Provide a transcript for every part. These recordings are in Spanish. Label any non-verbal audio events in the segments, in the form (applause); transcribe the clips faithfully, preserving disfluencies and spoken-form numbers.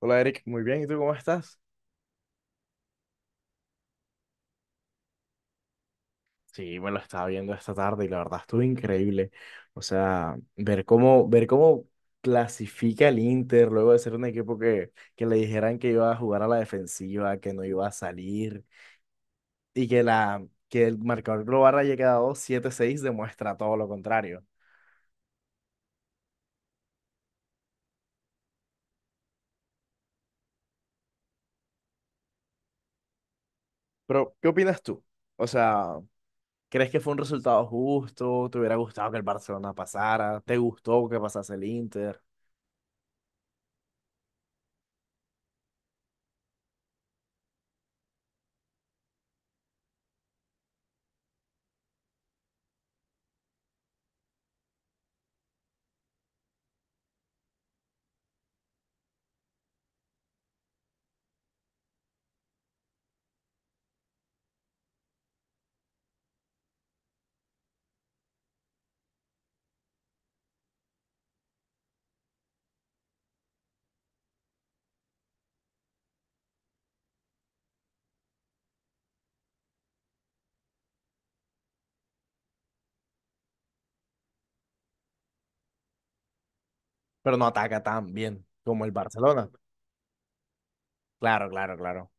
Hola Eric, muy bien, ¿y tú cómo estás? Sí, me lo estaba viendo esta tarde y la verdad estuvo increíble. O sea, ver cómo, ver cómo clasifica el Inter luego de ser un equipo que, que le dijeran que iba a jugar a la defensiva, que no iba a salir y que, la, que el marcador global haya quedado siete seis demuestra todo lo contrario. Pero, ¿qué opinas tú? O sea, ¿crees que fue un resultado justo? ¿Te hubiera gustado que el Barcelona pasara? ¿Te gustó que pasase el Inter? Pero no ataca tan bien como el Barcelona. Claro, claro, claro.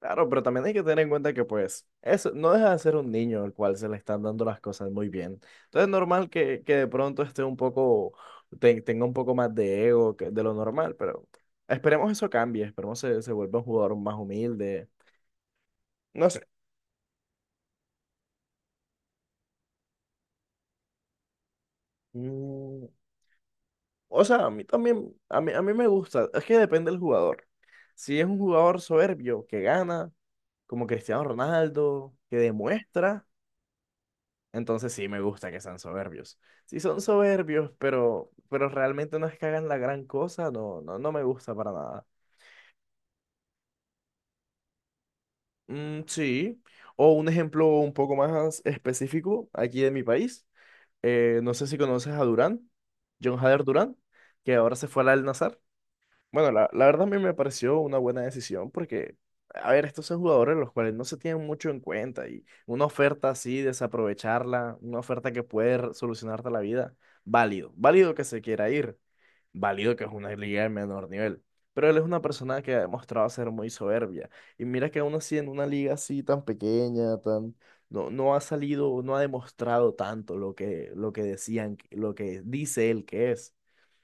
Claro, pero también hay que tener en cuenta que pues eso no deja de ser un niño al cual se le están dando las cosas muy bien. Entonces es normal que, que de pronto esté un poco, te- tenga un poco más de ego que de lo normal, pero esperemos eso cambie, esperemos se, se vuelva un jugador más humilde. No sé. Mm, o sea, a mí también, a mí, a mí me gusta, es que depende del jugador. Si es un jugador soberbio que gana, como Cristiano Ronaldo, que demuestra. Entonces sí me gusta que sean soberbios. Sí son soberbios, pero, pero realmente no es que hagan la gran cosa, no, no, no me gusta para nada. Mm, sí. O un ejemplo un poco más específico aquí de mi país. Eh, no sé si conoces a Durán, John Hader Durán, que ahora se fue al Al-Nassr. Bueno, la, la verdad a mí me pareció una buena decisión porque, a ver, estos son jugadores los cuales no se tienen mucho en cuenta y una oferta así, desaprovecharla, una oferta que puede r- solucionarte la vida, válido, válido que se quiera ir, válido que es una liga de menor nivel, pero él es una persona que ha demostrado ser muy soberbia y mira que aún así en una liga así tan pequeña, tan... No, no ha salido, no ha demostrado tanto lo que, lo que decían, lo que dice él que es.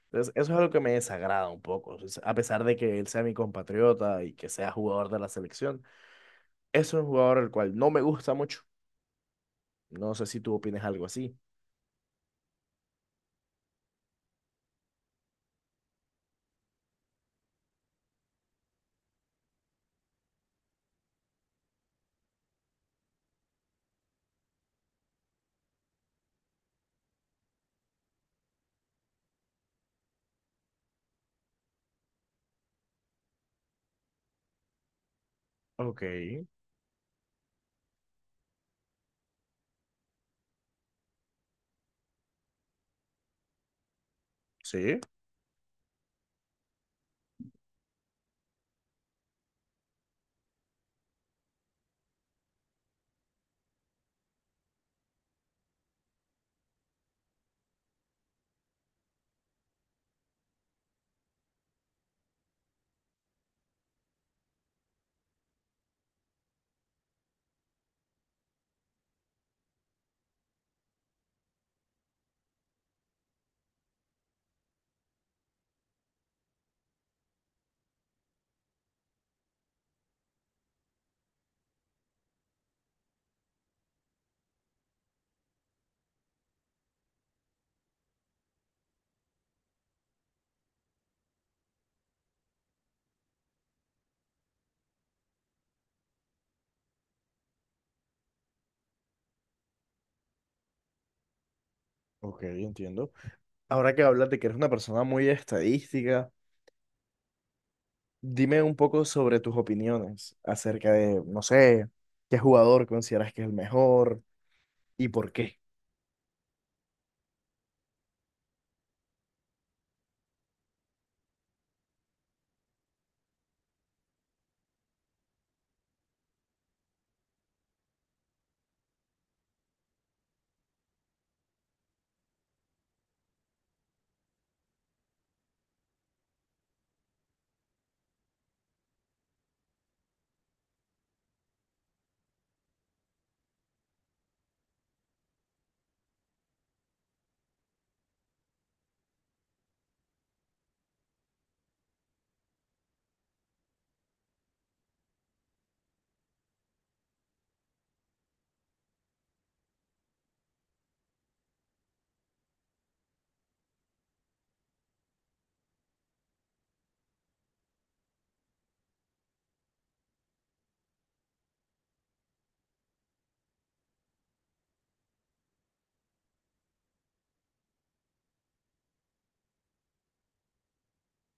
Entonces, eso es algo que me desagrada un poco. O sea, a pesar de que él sea mi compatriota y que sea jugador de la selección, es un jugador el cual no me gusta mucho. No sé si tú opinas algo así. Ok, sí, ok, entiendo. Ahora que hablas de que eres una persona muy estadística, dime un poco sobre tus opiniones acerca de, no sé, qué jugador consideras que es el mejor y por qué.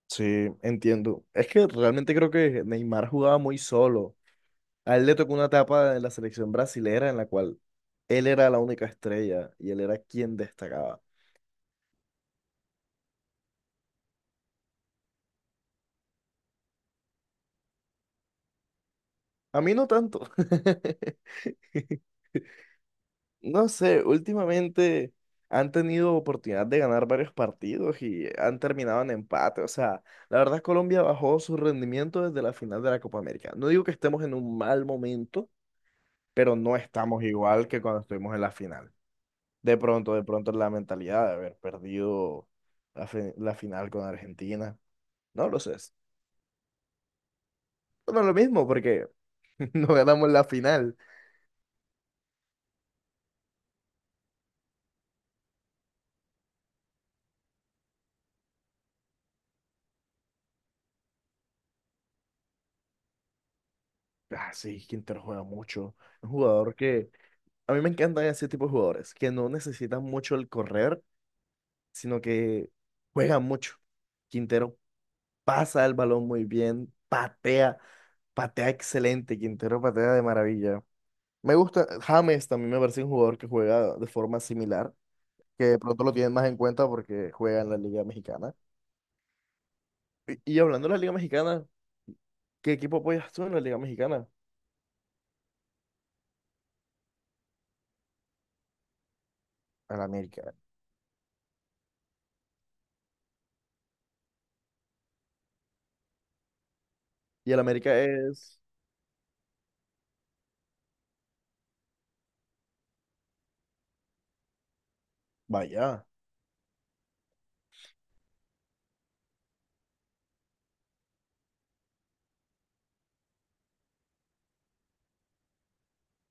Sí, entiendo. Es que realmente creo que Neymar jugaba muy solo. A él le tocó una etapa de la selección brasilera en la cual él era la única estrella y él era quien destacaba. A mí no tanto. (laughs) No sé, últimamente han tenido oportunidad de ganar varios partidos y han terminado en empate. O sea, la verdad Colombia bajó su rendimiento desde la final de la Copa América. No digo que estemos en un mal momento, pero no estamos igual que cuando estuvimos en la final. De pronto, de pronto la mentalidad de haber perdido la, fi- la final con Argentina. No lo sé. Bueno, lo mismo porque (laughs) no ganamos la final. Ah, sí, Quintero juega mucho. Un jugador que a mí me encantan ese tipo de jugadores, que no necesitan mucho el correr, sino que juegan mucho. Quintero pasa el balón muy bien, patea, patea excelente. Quintero patea de maravilla. Me gusta, James también me parece un jugador que juega de forma similar, que de pronto lo tienen más en cuenta porque juega en la Liga Mexicana. Y, y hablando de la Liga Mexicana, ¿qué equipo apoyas tú en la Liga Mexicana? Al América. Y el América es, vaya.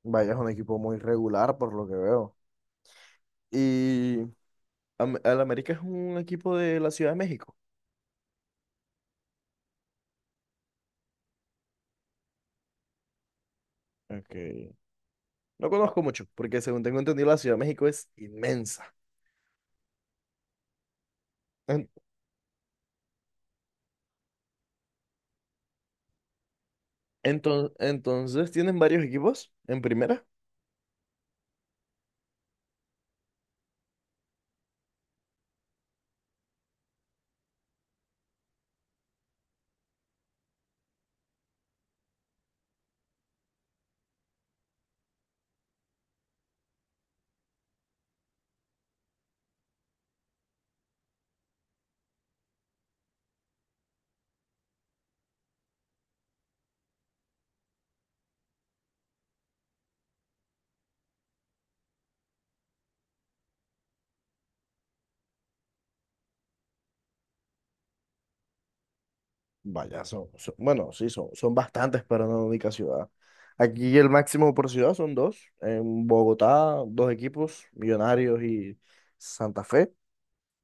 Vaya, es un equipo muy regular por lo que veo. Y Am- el América es un equipo de la Ciudad de México. Okay. No conozco mucho, porque según tengo entendido, la Ciudad de México es inmensa. En- enton- entonces, ¿tienen varios equipos en primera? Vaya, son, son- bueno, sí, son, son bastantes para una única ciudad. Aquí el máximo por ciudad son dos. En Bogotá, dos equipos, Millonarios y Santa Fe.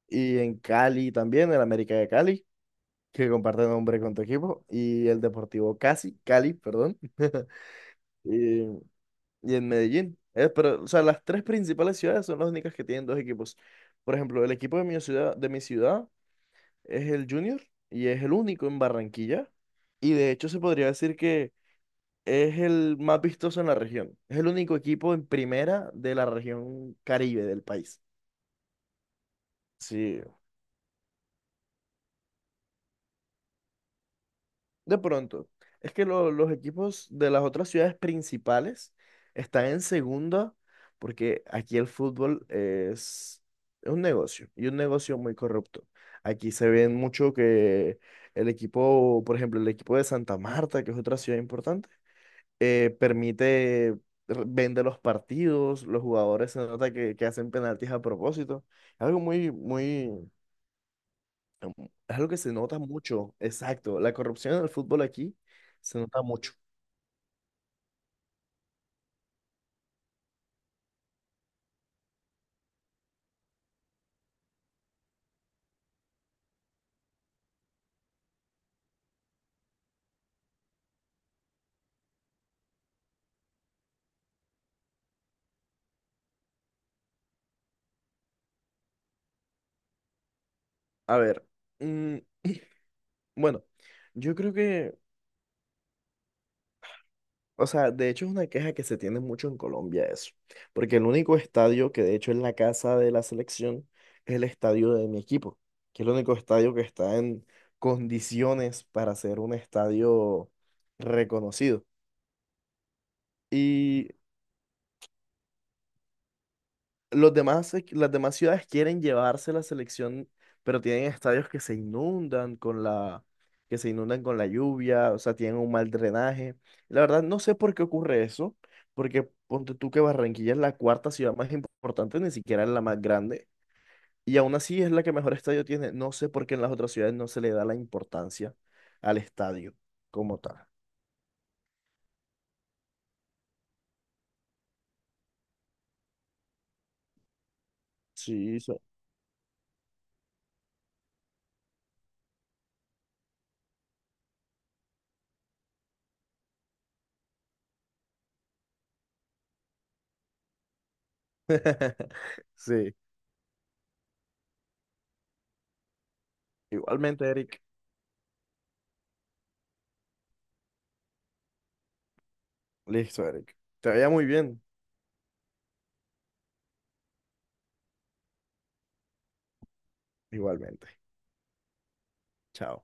Y en Cali también, el América de Cali. que comparte nombre con tu equipo, y el Deportivo Casi, Cali, perdón, (laughs) y, y en Medellín. Eh, pero, o sea, las tres principales ciudades son las únicas que tienen dos equipos. Por ejemplo, el equipo de mi ciudad, de mi ciudad es el Junior y es el único en Barranquilla. Y de hecho se podría decir que es el más vistoso en la región. Es el único equipo en primera de la región Caribe del país. Sí, de pronto, es que lo- los equipos de las otras ciudades principales están en segunda porque aquí el fútbol es, es un negocio y un negocio muy corrupto. Aquí se ven mucho que el equipo, por ejemplo, el equipo de Santa Marta, que es otra ciudad importante, eh, permite, r- vende los partidos, los jugadores se nota que, que hacen penaltis a propósito. Algo muy, muy, Am- es algo que se nota mucho, exacto. La corrupción en el fútbol aquí se nota mucho. A ver, mm, bueno, yo creo que, o sea, de hecho es una queja que se tiene mucho en Colombia eso, porque el único estadio que de hecho es la casa de la selección es el estadio de mi equipo, que es el único estadio que está en condiciones para ser un estadio reconocido. Y Los demás, equ- las demás ciudades quieren llevarse la selección, pero tienen estadios que se inundan con la, que se inundan con la lluvia, o sea, tienen un mal drenaje. La verdad, no sé por qué ocurre eso, porque ponte tú que Barranquilla es la cuarta ciudad más importante, ni siquiera es la más grande, y aún así es la que mejor estadio tiene. No sé por qué en las otras ciudades no se le da la importancia al estadio como tal. Sí, so- (laughs) sí. Igualmente, Eric. Listo, Eric. Te veía muy bien, igualmente. Chao.